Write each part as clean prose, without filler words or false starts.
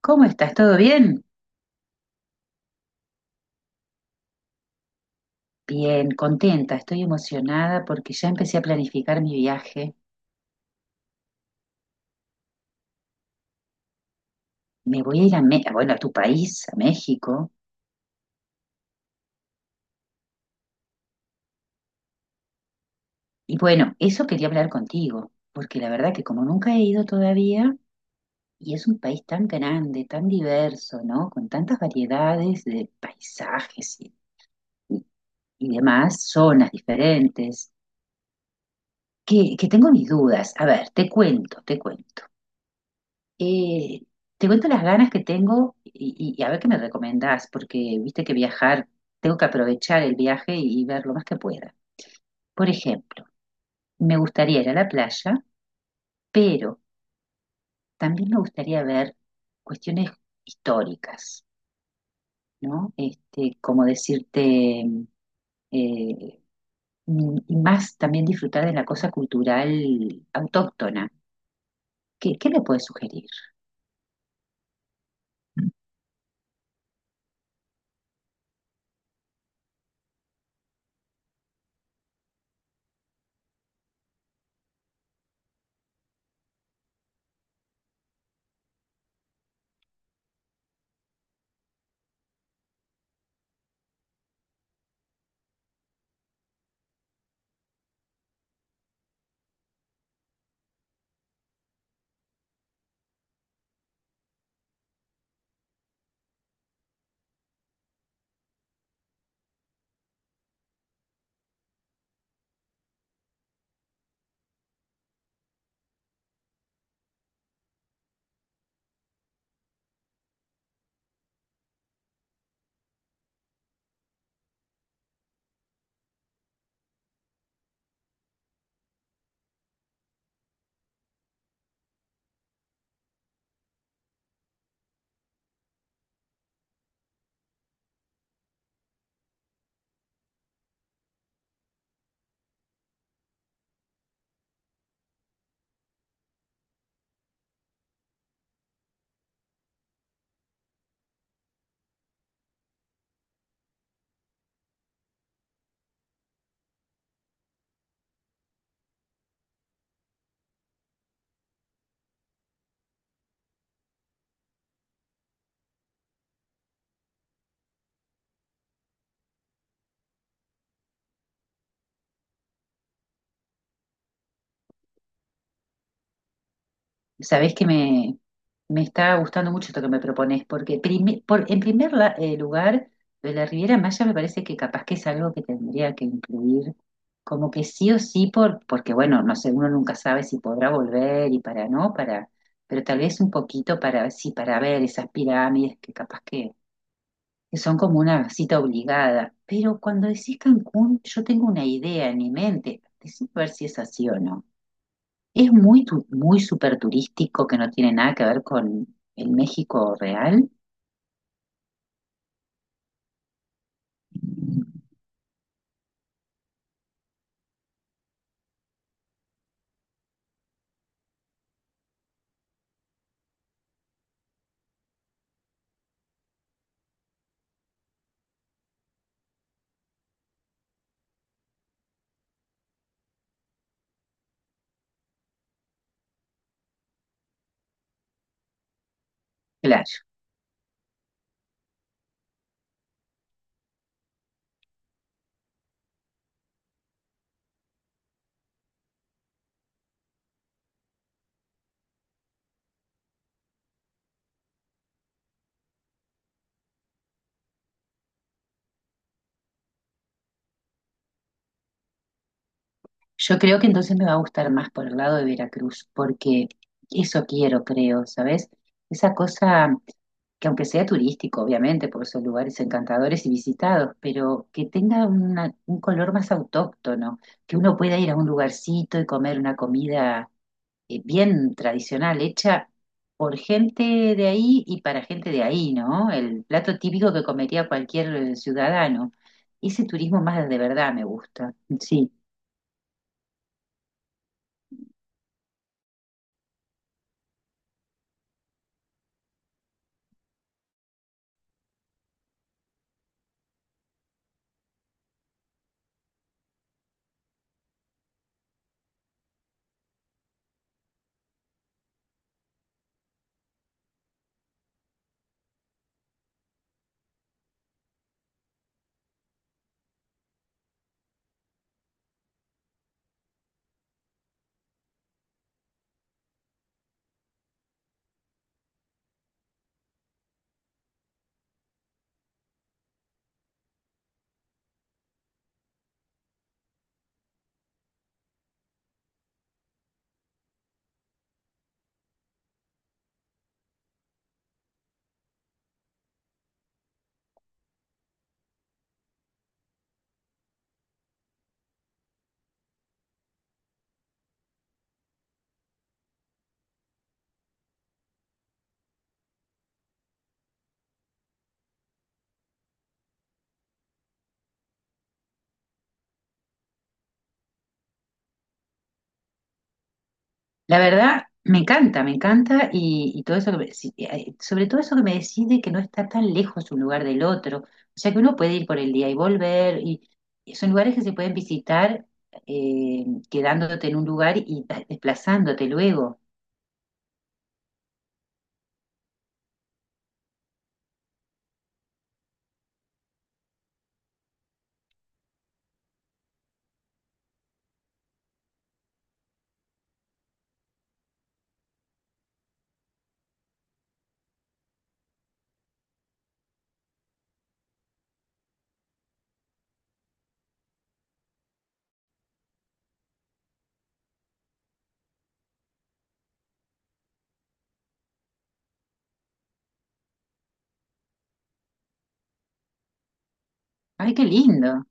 ¿Cómo estás? ¿Todo bien? Bien, contenta, estoy emocionada porque ya empecé a planificar mi viaje. Me voy a ir a, bueno, a tu país, a México. Y bueno, eso quería hablar contigo, porque la verdad que como nunca he ido todavía, y es un país tan grande, tan diverso, ¿no? Con tantas variedades de paisajes y- y demás, zonas diferentes, que tengo mis dudas. A ver, te cuento, te cuento. Eh, te cuento las ganas que tengo y a ver qué me recomendás, porque viste que viajar, tengo que aprovechar el viaje y ver lo más que pueda. Por ejemplo, me gustaría ir a la playa, pero también me gustaría ver cuestiones históricas, ¿no? Este, como decirte, eh, y más también disfrutar de la cosa cultural autóctona. ¿ qué me puedes sugerir? Sabés que me, me está gustando mucho esto que me propones, porque en primer lugar, lo de la Riviera Maya me parece que capaz que es algo que tendría que incluir, como que sí o sí, porque bueno, no sé, uno nunca sabe si podrá volver y para no, para, pero tal vez un poquito para, sí, para ver esas pirámides que son como una cita obligada. Pero cuando decís Cancún, yo tengo una idea en mi mente, decime a ver si es así o no. Muy súper turístico, que no tiene nada que ver con el México real. Claro, yo creo que entonces me va a gustar más por el lado de Veracruz, porque eso quiero, creo, ¿sabes? Esa cosa que, aunque sea turístico, obviamente, por esos lugares encantadores y visitados, pero que tenga un color más autóctono, que uno pueda ir a un lugarcito y comer una comida bien tradicional, hecha por gente de ahí y para gente de ahí, ¿no? El plato típico que comería cualquier ciudadano. Ese turismo más de verdad me gusta, sí. La verdad, me encanta y todo eso, sí, sobre todo eso que me decide, que no está tan lejos un lugar del otro. O sea que uno puede ir por el día y volver y son lugares que se pueden visitar, eh, quedándote en un lugar y desplazándote luego. Ay, qué lindo.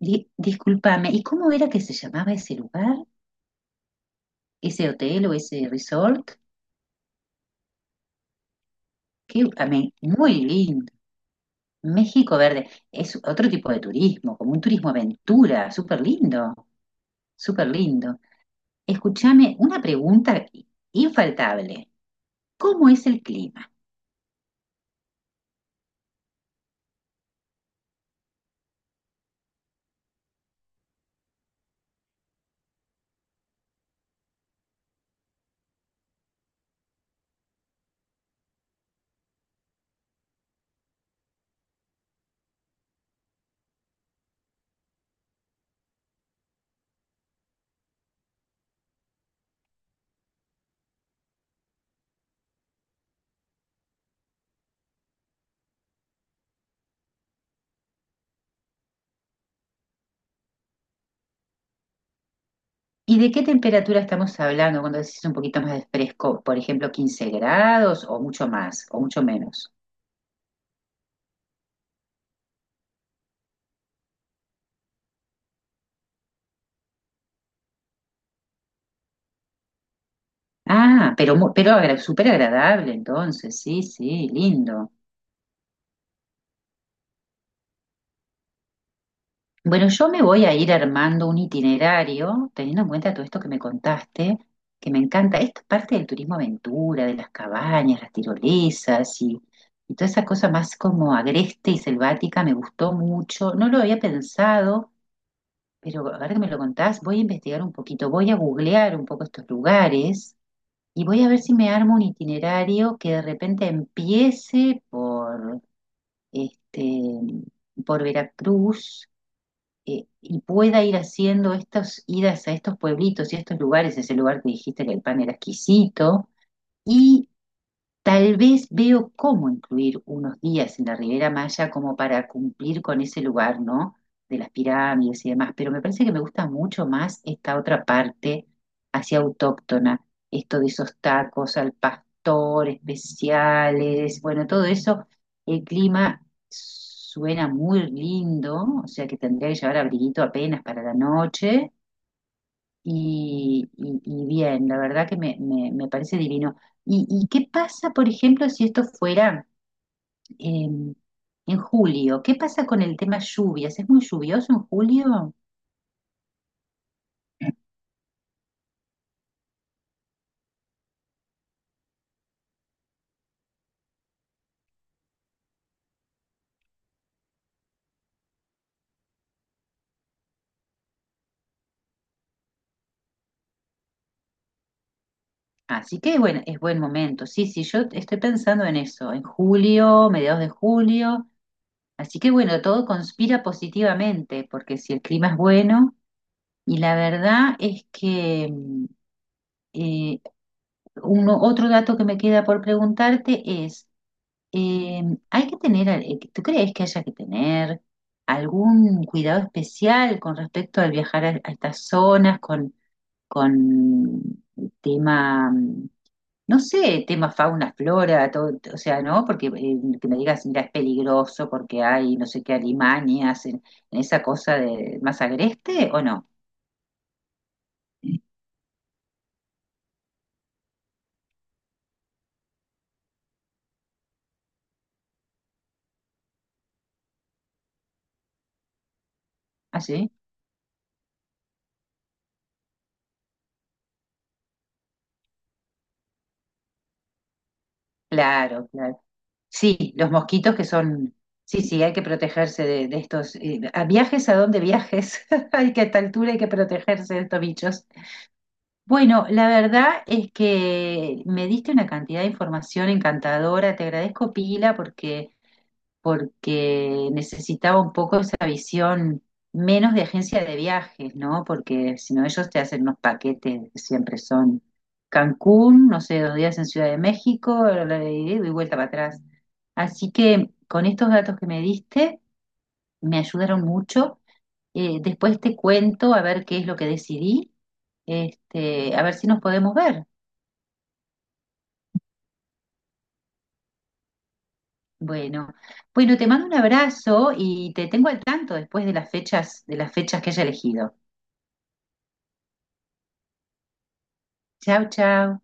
Discúlpame, ¿y cómo era que se llamaba ese lugar, ese hotel o ese resort? Que, a mí, muy lindo. México Verde es otro tipo de turismo, como un turismo aventura, súper lindo, súper lindo. Escúchame, una pregunta infaltable. ¿Cómo es el clima? ¿Y de qué temperatura estamos hablando cuando decís un poquito más de fresco? Por ejemplo, 15 grados, o mucho más, o mucho menos. Ah, pero pero súper agradable entonces, sí, sí, lindo. Bueno, yo me voy a ir armando un itinerario, teniendo en cuenta todo esto que me contaste, que me encanta. Esto es parte del turismo aventura, de las cabañas, las tirolesas y toda esa cosa más como agreste y selvática, me gustó mucho. No lo había pensado, pero ahora que me lo contás, voy a investigar un poquito, voy a googlear un poco estos lugares y voy a ver si me armo un itinerario que de repente empiece este, por Veracruz, y pueda ir haciendo estas idas a estos pueblitos y a estos lugares, ese lugar que dijiste que el pan era exquisito, y tal vez veo cómo incluir unos días en la Riviera Maya como para cumplir con ese lugar, ¿no? De las pirámides y demás, pero me parece que me gusta mucho más esta otra parte hacia autóctona, esto de esos tacos al pastor especiales, bueno, todo eso, el clima suena muy lindo, o sea que tendría que llevar abriguito apenas para la noche y bien, la verdad que me parece divino. Y qué pasa, por ejemplo, si esto fuera eh, en julio? ¿Qué pasa con el tema lluvias? ¿Es muy lluvioso en julio? Así que bueno, es buen momento. Sí, sí, yo estoy pensando en eso, en julio, mediados de julio. Así que bueno, todo conspira positivamente, porque si el clima es bueno, y la verdad es que eh, otro dato que me queda por preguntarte es, eh, ¿hay que tener, tú crees que haya que tener algún cuidado especial con respecto al viajar a estas zonas con con el tema, no sé, tema fauna, flora, todo, o sea, ¿no? Porque que me digas, mira, es peligroso porque hay no sé qué alimañas en esa cosa de más agreste, ¿o no? ¿Ah, sí? Claro, claro. Sí, los mosquitos que son, sí, sí, hay que protegerse de estos, a viajes a donde viajes, hay que, a esta altura, hay que protegerse de estos bichos. Bueno, la verdad es que me diste una cantidad de información encantadora. Te agradezco, Pila, porque, porque necesitaba un poco esa visión menos de agencia de viajes, ¿no? Porque si no, ellos te hacen unos paquetes que siempre son Cancún, no sé, 2 días en Ciudad de México, y vuelta para atrás. Así que con estos datos que me diste, me ayudaron mucho. Después te cuento a ver qué es lo que decidí, este, a ver si nos podemos ver. Bueno, bueno, te mando un abrazo y te tengo al tanto después de las fechas que haya elegido. Chao, chao.